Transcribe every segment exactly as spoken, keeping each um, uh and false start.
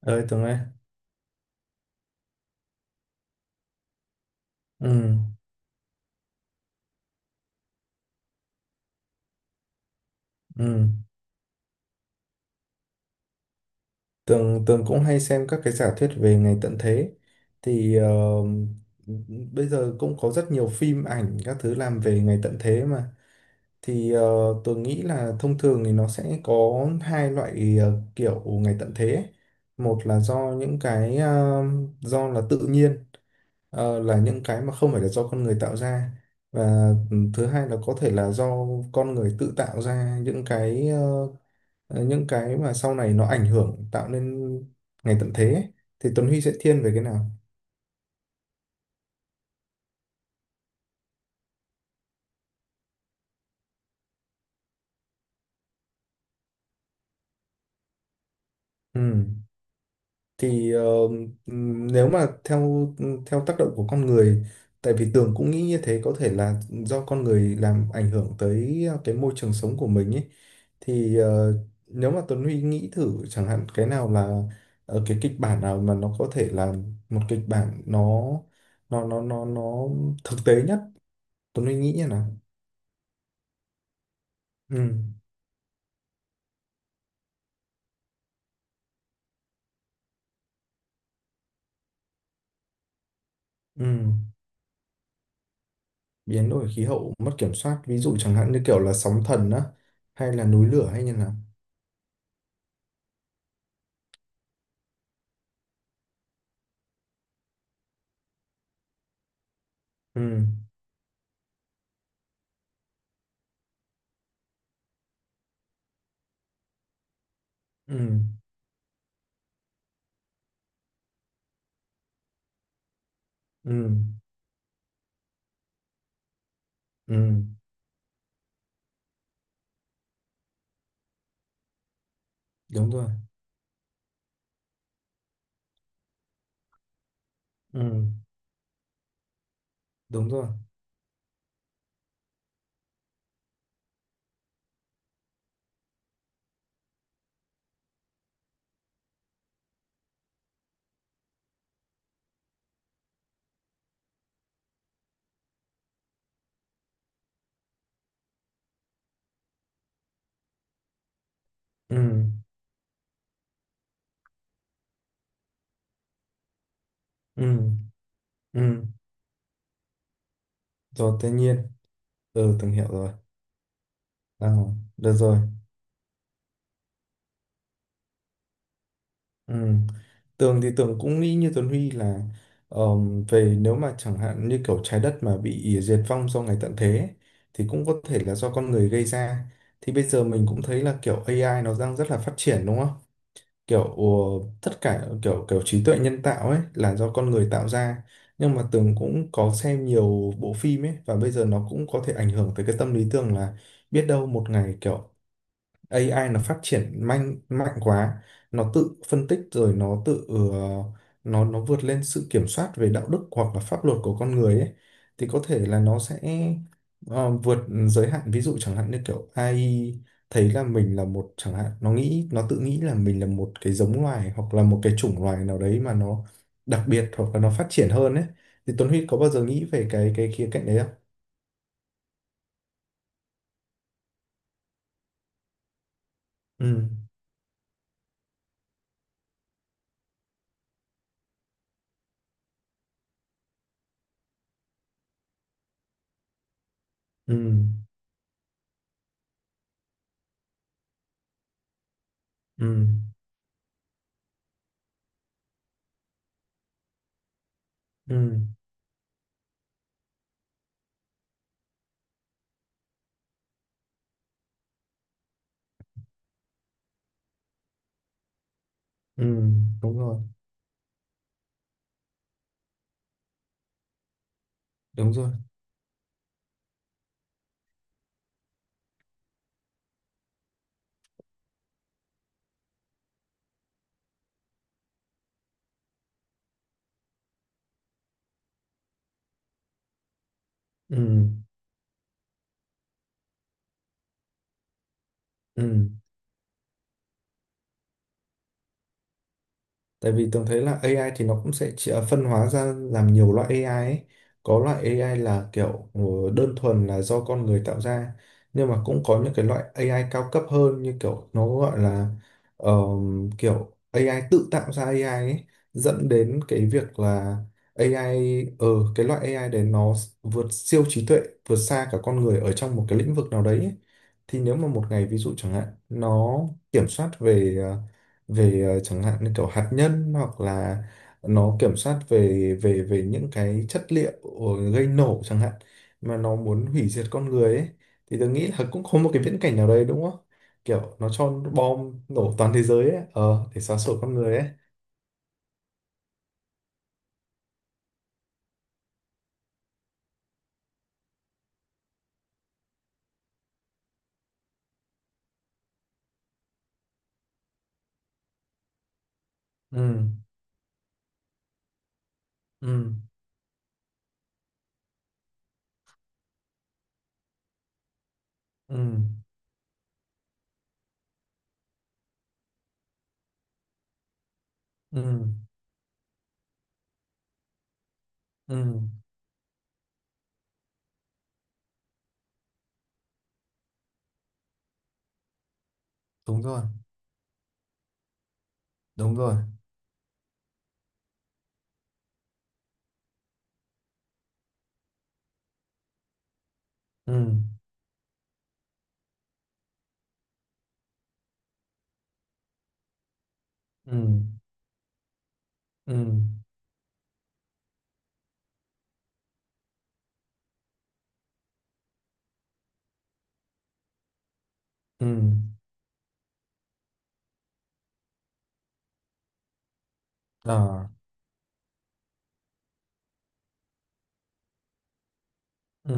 Ơi Tường ơi, ừ, ừ. Tường, Tường cũng hay xem các cái giả thuyết về ngày tận thế. Thì ờ, Bây giờ cũng có rất nhiều phim ảnh các thứ làm về ngày tận thế mà. Thì ờ, Tường nghĩ là thông thường thì nó sẽ có hai loại ờ, kiểu ngày tận thế. ấy. Một là do những cái ờ, do là tự nhiên, ờ, là những cái mà không phải là do con người tạo ra. Và ừ, thứ hai là có thể là do con người tự tạo ra những cái ờ, ờ, những cái mà sau này nó ảnh hưởng tạo nên ngày tận thế ấy, thì Tuấn Huy sẽ thiên về cái nào? Ừ. Thì ờ, ừm, Nếu mà theo ừ, theo tác động của con người, tại vì Tường cũng nghĩ như thế có thể là do con người làm ảnh hưởng tới ờ, cái môi trường sống của mình ấy. Thì ờ, Nếu mà Tuấn Huy nghĩ thử chẳng hạn cái nào là ờ, cái kịch bản nào mà nó có thể là một kịch bản nó nó nó nó nó thực tế nhất, Tuấn Huy nghĩ như nào? Ừ. Ừ. Biến đổi khí hậu mất kiểm soát ví dụ chẳng hạn như kiểu là sóng thần á hay là núi lửa hay như nào. ừ ừ ừ ừ Đúng rồi. ừ Đúng rồi. ừ ừ ừ Rồi tự nhiên. Ừ tường hiểu rồi, à, được rồi. ừ Tường thì tường cũng nghĩ như Tuấn Huy là ờm, về nếu mà chẳng hạn như kiểu trái đất mà bị diệt vong do ngày tận thế ấy, thì cũng có thể là do con người gây ra. Thì bây giờ mình cũng thấy là kiểu a i nó đang rất là phát triển đúng không? kiểu ờ, Tất cả kiểu kiểu trí tuệ nhân tạo ấy là do con người tạo ra, nhưng mà Tường cũng có xem nhiều bộ phim ấy và bây giờ nó cũng có thể ảnh hưởng tới cái tâm lý Tường là biết đâu một ngày kiểu a i nó phát triển mạnh mạnh quá, nó tự phân tích rồi nó tự ờ, nó nó vượt lên sự kiểm soát về đạo đức hoặc là pháp luật của con người ấy, thì có thể là nó sẽ ờ, vượt giới hạn. Ví dụ chẳng hạn như kiểu a i thấy là mình là một chẳng hạn, nó nghĩ nó tự nghĩ là mình là một cái giống loài hoặc là một cái chủng loài nào đấy mà nó đặc biệt hoặc là nó phát triển hơn ấy, thì Tuấn Huy có bao giờ nghĩ về cái cái khía cạnh đấy không? Ừ, ừ, ừ, ừ, ừ, đúng rồi, đúng rồi. Ừ, ừ. Tại vì Tường thấy là a i thì nó cũng sẽ chỉ- à, phân hóa ra làm nhiều loại a i ấy. Có loại a i là kiểu ờ, đơn thuần là do con người tạo ra. Nhưng mà cũng có những cái loại a i cao cấp hơn, như kiểu nó gọi là ờ, kiểu a i tự tạo ra a i ấy. Dẫn đến cái việc là a i, ờ cái loại a i đấy nó vượt siêu trí tuệ, vượt xa cả con người ở trong một cái lĩnh vực nào đấy ấy. Thì nếu mà một ngày ví dụ chẳng hạn nó kiểm soát về ờ, về ờ, chẳng hạn như kiểu hạt nhân, hoặc là nó kiểm soát về về về những cái chất liệu gây nổ chẳng hạn, mà nó muốn hủy diệt con người ấy, thì tôi nghĩ là cũng có một cái viễn cảnh nào đấy đúng không, kiểu nó cho bom nổ toàn thế giới ấy, ờ để xóa sổ con người ấy. ừ ừ ừ ừ ừ Đúng rồi, đúng rồi ừ ừ ừ ừ à ừ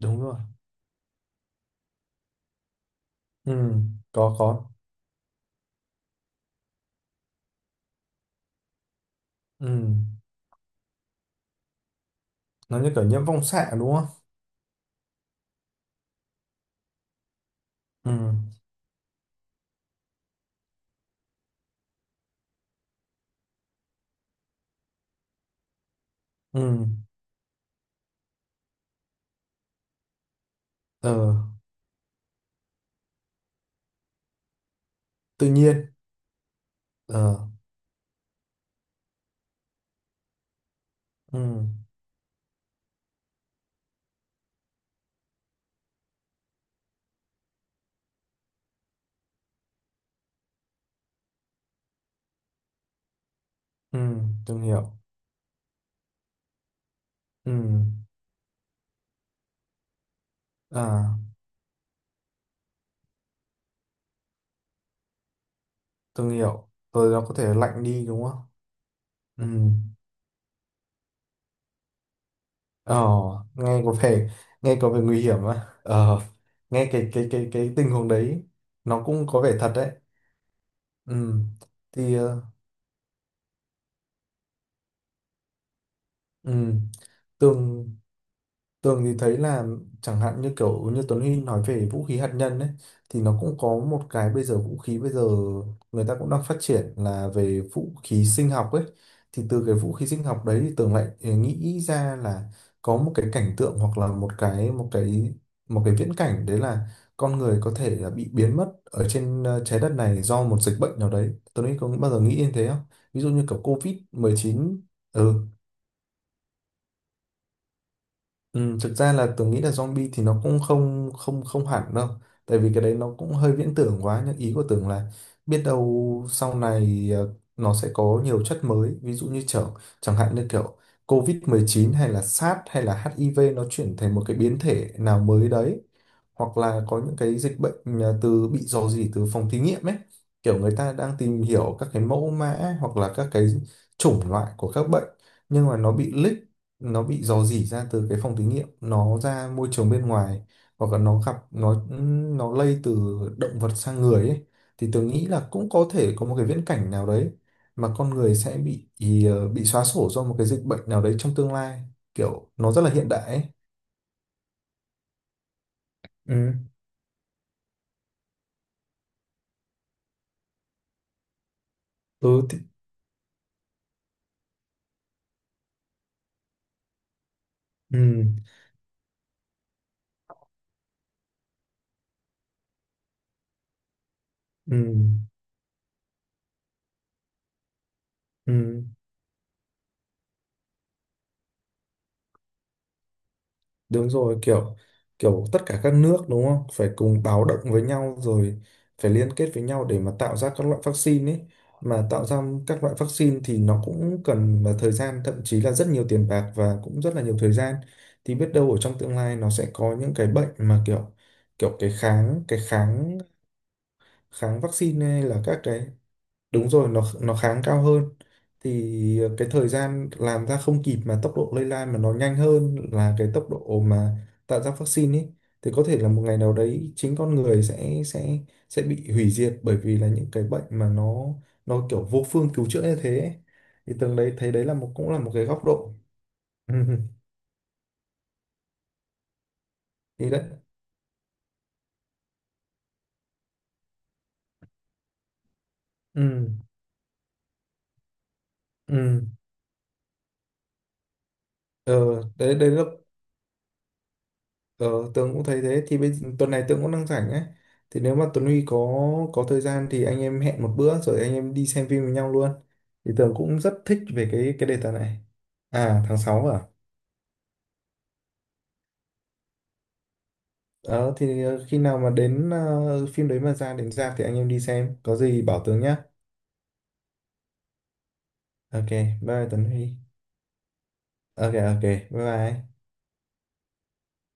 đúng rồi. ừ có có. ừ nó như kiểu nhiễm phóng xạ đúng không? ừ ừ ờ Tự nhiên. ờ ừ ừ Thương hiệu. ừ à Thương hiệu rồi, nó có thể lạnh đi đúng không? ừ ờ Nghe có vẻ, nghe có vẻ nguy hiểm á. ờ Nghe cái cái cái cái tình huống đấy nó cũng có vẻ thật đấy. Ừ thì ờ, ừ tường Tường thì thấy là chẳng hạn như kiểu như Tuấn Huy nói về vũ khí hạt nhân ấy, thì nó cũng có một cái bây giờ vũ khí bây giờ người ta cũng đang phát triển là về vũ khí sinh học ấy. Thì từ cái vũ khí sinh học đấy thì Tường lại ừ, nghĩ ra là có một cái cảnh tượng hoặc là một cái một cái một cái viễn cảnh đấy là con người có thể là bị biến mất ở trên ờ, trái đất này do một dịch bệnh nào đấy. Tuấn Huy có bao giờ nghĩ đến thế không? Ví dụ như kiểu covid mười chín mười chín. ừ Ừ, Thực ra là tưởng nghĩ là zombie thì nó cũng không không không hẳn đâu, tại vì cái đấy nó cũng hơi viễn tưởng quá. Nhưng ý của tưởng là biết đâu sau này ờ, nó sẽ có nhiều chất mới, ví dụ như chẳng chẳng hạn như kiểu covid mười chín hay là SARS hay là hát i vê nó chuyển thành một cái biến thể nào mới đấy, hoặc là có những cái dịch bệnh à, từ bị rò rỉ từ phòng thí nghiệm ấy. Kiểu người ta đang tìm hiểu các cái mẫu mã hoặc là các cái chủng loại của các bệnh, nhưng mà nó bị leak, nó bị rò rỉ ra từ cái phòng thí nghiệm nó ra môi trường bên ngoài, hoặc là nó gặp nó nó lây từ động vật sang người ấy. Thì tôi nghĩ là cũng có thể có một cái viễn cảnh nào đấy mà con người sẽ bị ý, ờ, bị xóa sổ do một cái dịch bệnh nào đấy trong tương lai, kiểu nó rất là hiện đại ấy. Ừ. Ừ, thì, ừ, ừ. Ừ, đúng rồi, kiểu kiểu tất cả các nước đúng không, phải cùng báo động với nhau rồi phải liên kết với nhau để mà tạo ra các loại vaccine ấy. Mà tạo ra các loại vaccine thì nó cũng cần là thời gian, thậm chí là rất nhiều tiền bạc và cũng rất là nhiều thời gian. Thì biết đâu ở trong tương lai nó sẽ có những cái bệnh mà kiểu kiểu cái kháng, cái kháng kháng vaccine hay là các cái. Đúng rồi, nó nó kháng cao hơn. Thì ờ, cái thời gian làm ra không kịp mà tốc độ lây lan mà nó nhanh hơn là cái tốc độ mà tạo ra vaccine ấy, thì có thể là một ngày nào đấy chính con người sẽ sẽ sẽ bị hủy diệt bởi vì là những cái bệnh mà nó nó kiểu vô phương cứu chữa như thế ấy. Thì Tường đấy thấy đấy là một cũng là một cái góc độ. ừ, thì đấy ừ, ừ. Ờ, đấy đấy là, Ờ, Tường cũng thấy thế. Thì bây tuần này Tường cũng đang rảnh ấy, thì nếu mà Tuấn Huy có có thời gian thì anh em hẹn một bữa rồi anh em đi xem phim với nhau luôn. Thì Tường cũng rất thích về cái cái đề tài này. À, tháng sáu à. Ờ, thì ờ, khi nào mà đến ờ, phim đấy mà ra đến ra thì anh em đi xem có gì bảo Tường nhá. OK, bye bye Tuấn Huy. OK, OK, bye bye.